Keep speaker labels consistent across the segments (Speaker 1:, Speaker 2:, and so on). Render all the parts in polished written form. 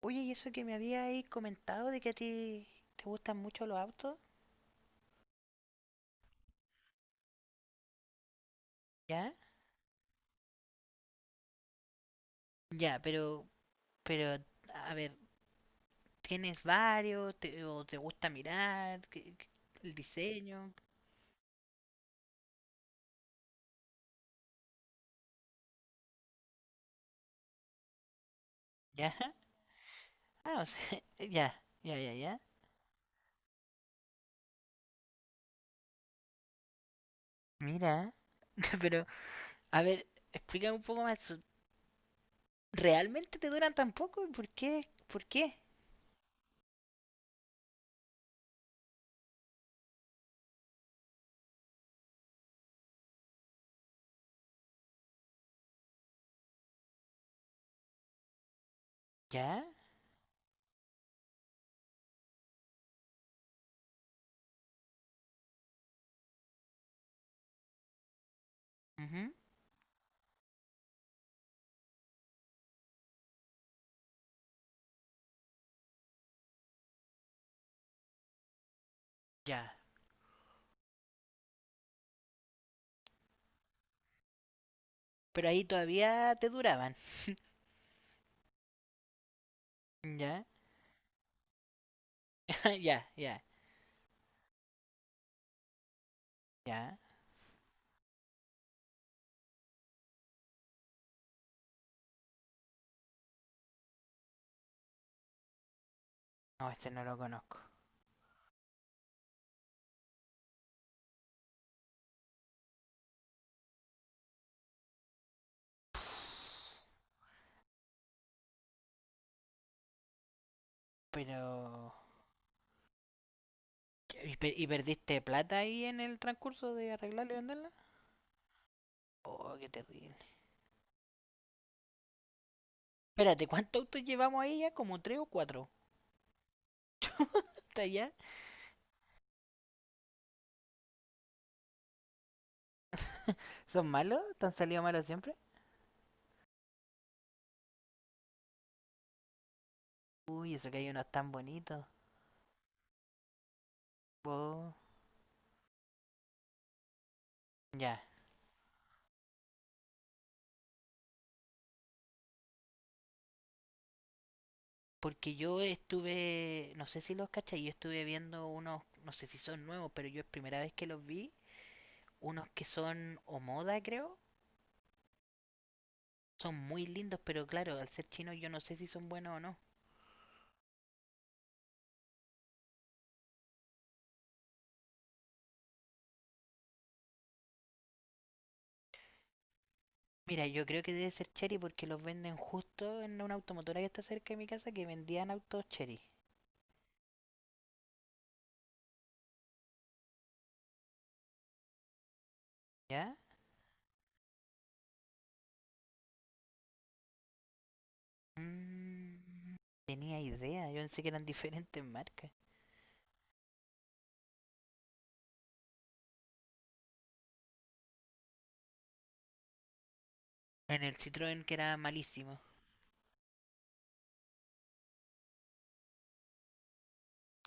Speaker 1: Oye, y eso que me había ahí comentado de que a ti te gustan mucho los autos. ¿Ya? Ya, pero, a ver, ¿tienes varios? ¿Te, o te gusta mirar? ¿El diseño? ¿Ya? Ah, o sea, ya, ya, ya, ya. Mira, pero, a ver, explícame un poco más. ¿Realmente te duran tan poco? ¿Por qué? ¿Por qué? ¿Ya? Ujú. Ya. Pero ahí todavía te duraban. ¿Ya? Ya, ya, ya. No, este no lo conozco. Pero... ¿Y, y perdiste plata ahí en el transcurso de arreglarla y venderla? Oh, qué terrible. Espérate, ¿cuántos autos llevamos ahí ya? ¿Como tres o cuatro? ¿Está ya? ¿Son malos? ¿Te han salido malos siempre? Uy, eso que hay unos tan bonitos. Oh. Ya. Porque yo estuve, no sé si los cachai, yo estuve viendo unos, no sé si son nuevos, pero yo es primera vez que los vi, unos que son o creo, son muy lindos, pero claro, al ser chinos yo no sé si son buenos o no. Mira, yo creo que debe ser Chery porque los venden justo en una automotora que está cerca de mi casa que vendían autos Chery. ¿Ya? Mm, tenía idea, yo pensé que eran diferentes marcas. En el Citroën que era malísimo.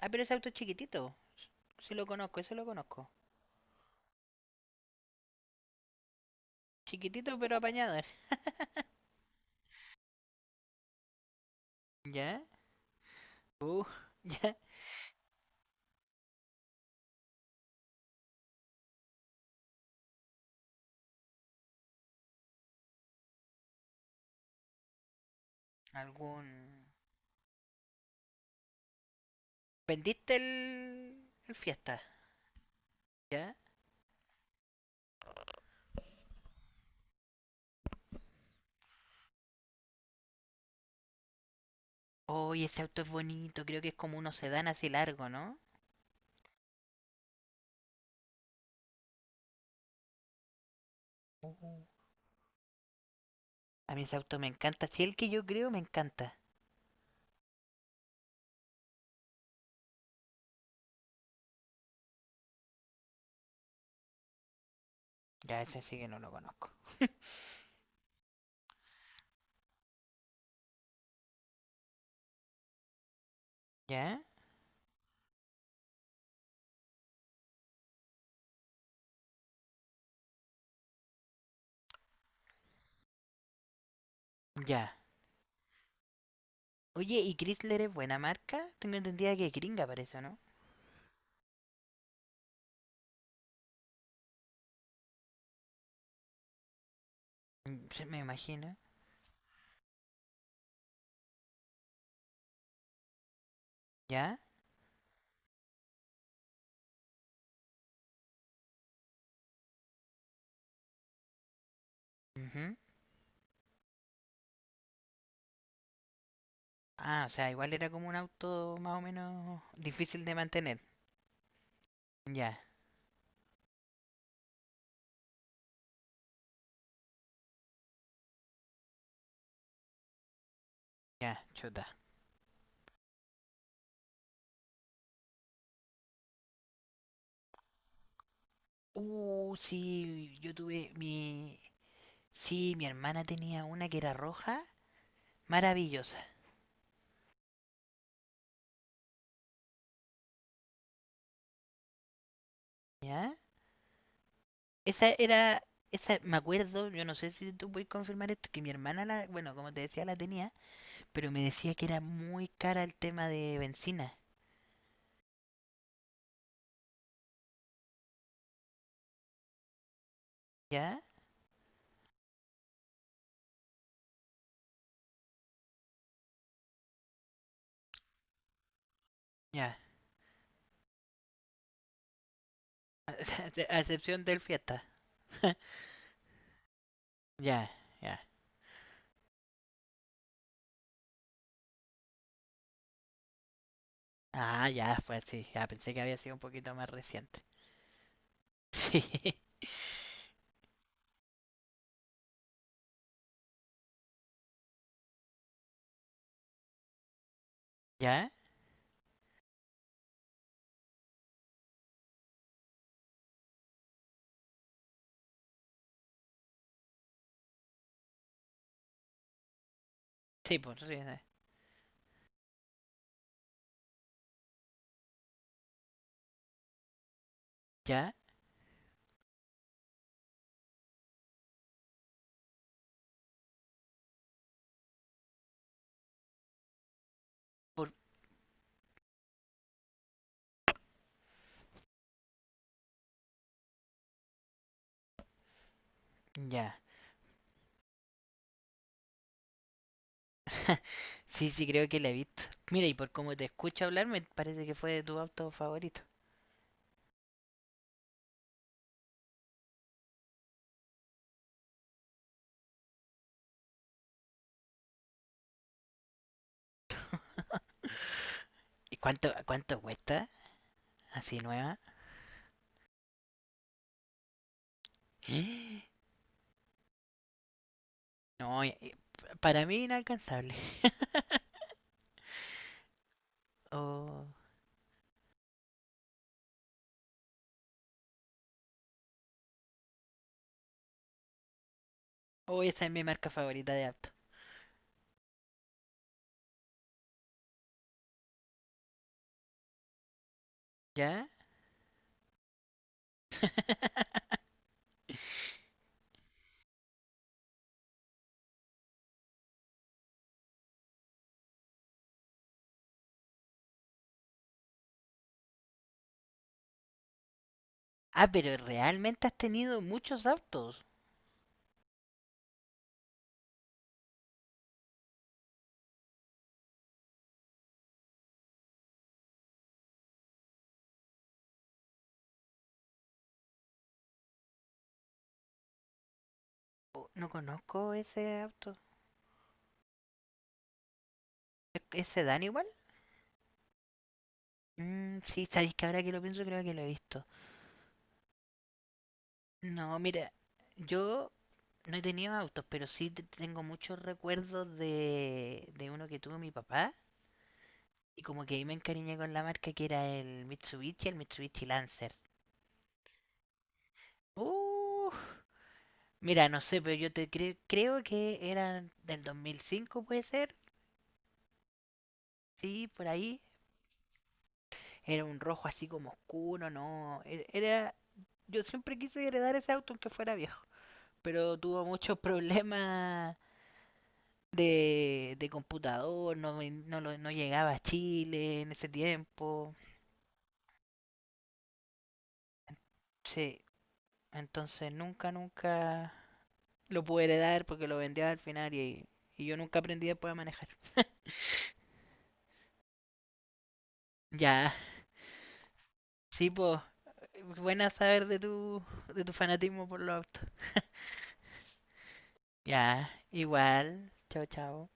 Speaker 1: Ah, pero ese auto es chiquitito. Sí lo conozco, eso lo conozco. Chiquitito pero apañado. ¿Ya? Uh, ¿ya? ¿Algún...? ¿Vendiste el Fiesta? ¿Ya? Oye, oh, ese auto es bonito, creo que es como uno sedán así largo, ¿no? Uh, a mí ese auto me encanta, si sí, el que yo creo me encanta. Ya, ese sí que no lo conozco. ¿Ya? Ya. Oye, ¿y Chrysler es buena marca? Tengo entendida que es gringa para eso, ¿no? Mm, se me imagino. ¿Ya? Ujú. Ah, o sea, igual era como un auto más o menos difícil de mantener. Ya, ya, chota. Sí, yo tuve mi... Sí, mi hermana tenía una que era roja, maravillosa. ¿Ya? Esa era... Esa, me acuerdo, yo no sé si tú puedes confirmar esto, que mi hermana la, bueno, como te decía, la tenía, pero me decía que era muy cara el tema de benzina. ¿Ya? Ya. A excepción del fiesta. ya, ya. Ah, ya, fue así. Ya pensé que había sido un poquito más reciente. Sí. ¿Ya? Sí, pues sí. Sí. ¿Ya? Por... Ya. sí, sí, creo que la he visto. Mira, y por cómo te escucho hablar, me parece que fue de tu auto favorito. ¿Y cuánto cuesta? Así nueva. No, para mí inalcanzable. oh. Oh, esa es mi marca favorita de auto. ¿Ya? Ah, pero realmente has tenido muchos autos. Oh, no conozco ese auto. ¿E- ¿Ese Dan igual? Mm, sí, sabéis que ahora que lo pienso creo que lo he visto. No, mira, yo no he tenido autos, pero sí tengo muchos recuerdos de uno que tuvo mi papá. Y como que ahí me encariñé con la marca que era el Mitsubishi Lancer. Uh, Mira, no sé, pero yo te creo que eran del 2005, puede ser. Sí, por ahí. Era un rojo así como oscuro, no. Era, yo siempre quise heredar ese auto aunque fuera viejo, pero tuvo muchos problemas de computador, no, no, no llegaba a Chile en ese tiempo. Sí, entonces nunca, nunca lo pude heredar porque lo vendía al final y yo nunca aprendí después a manejar. Ya, sí, pues buena saber de tu fanatismo por los autos. Ya, igual. Chao, chao.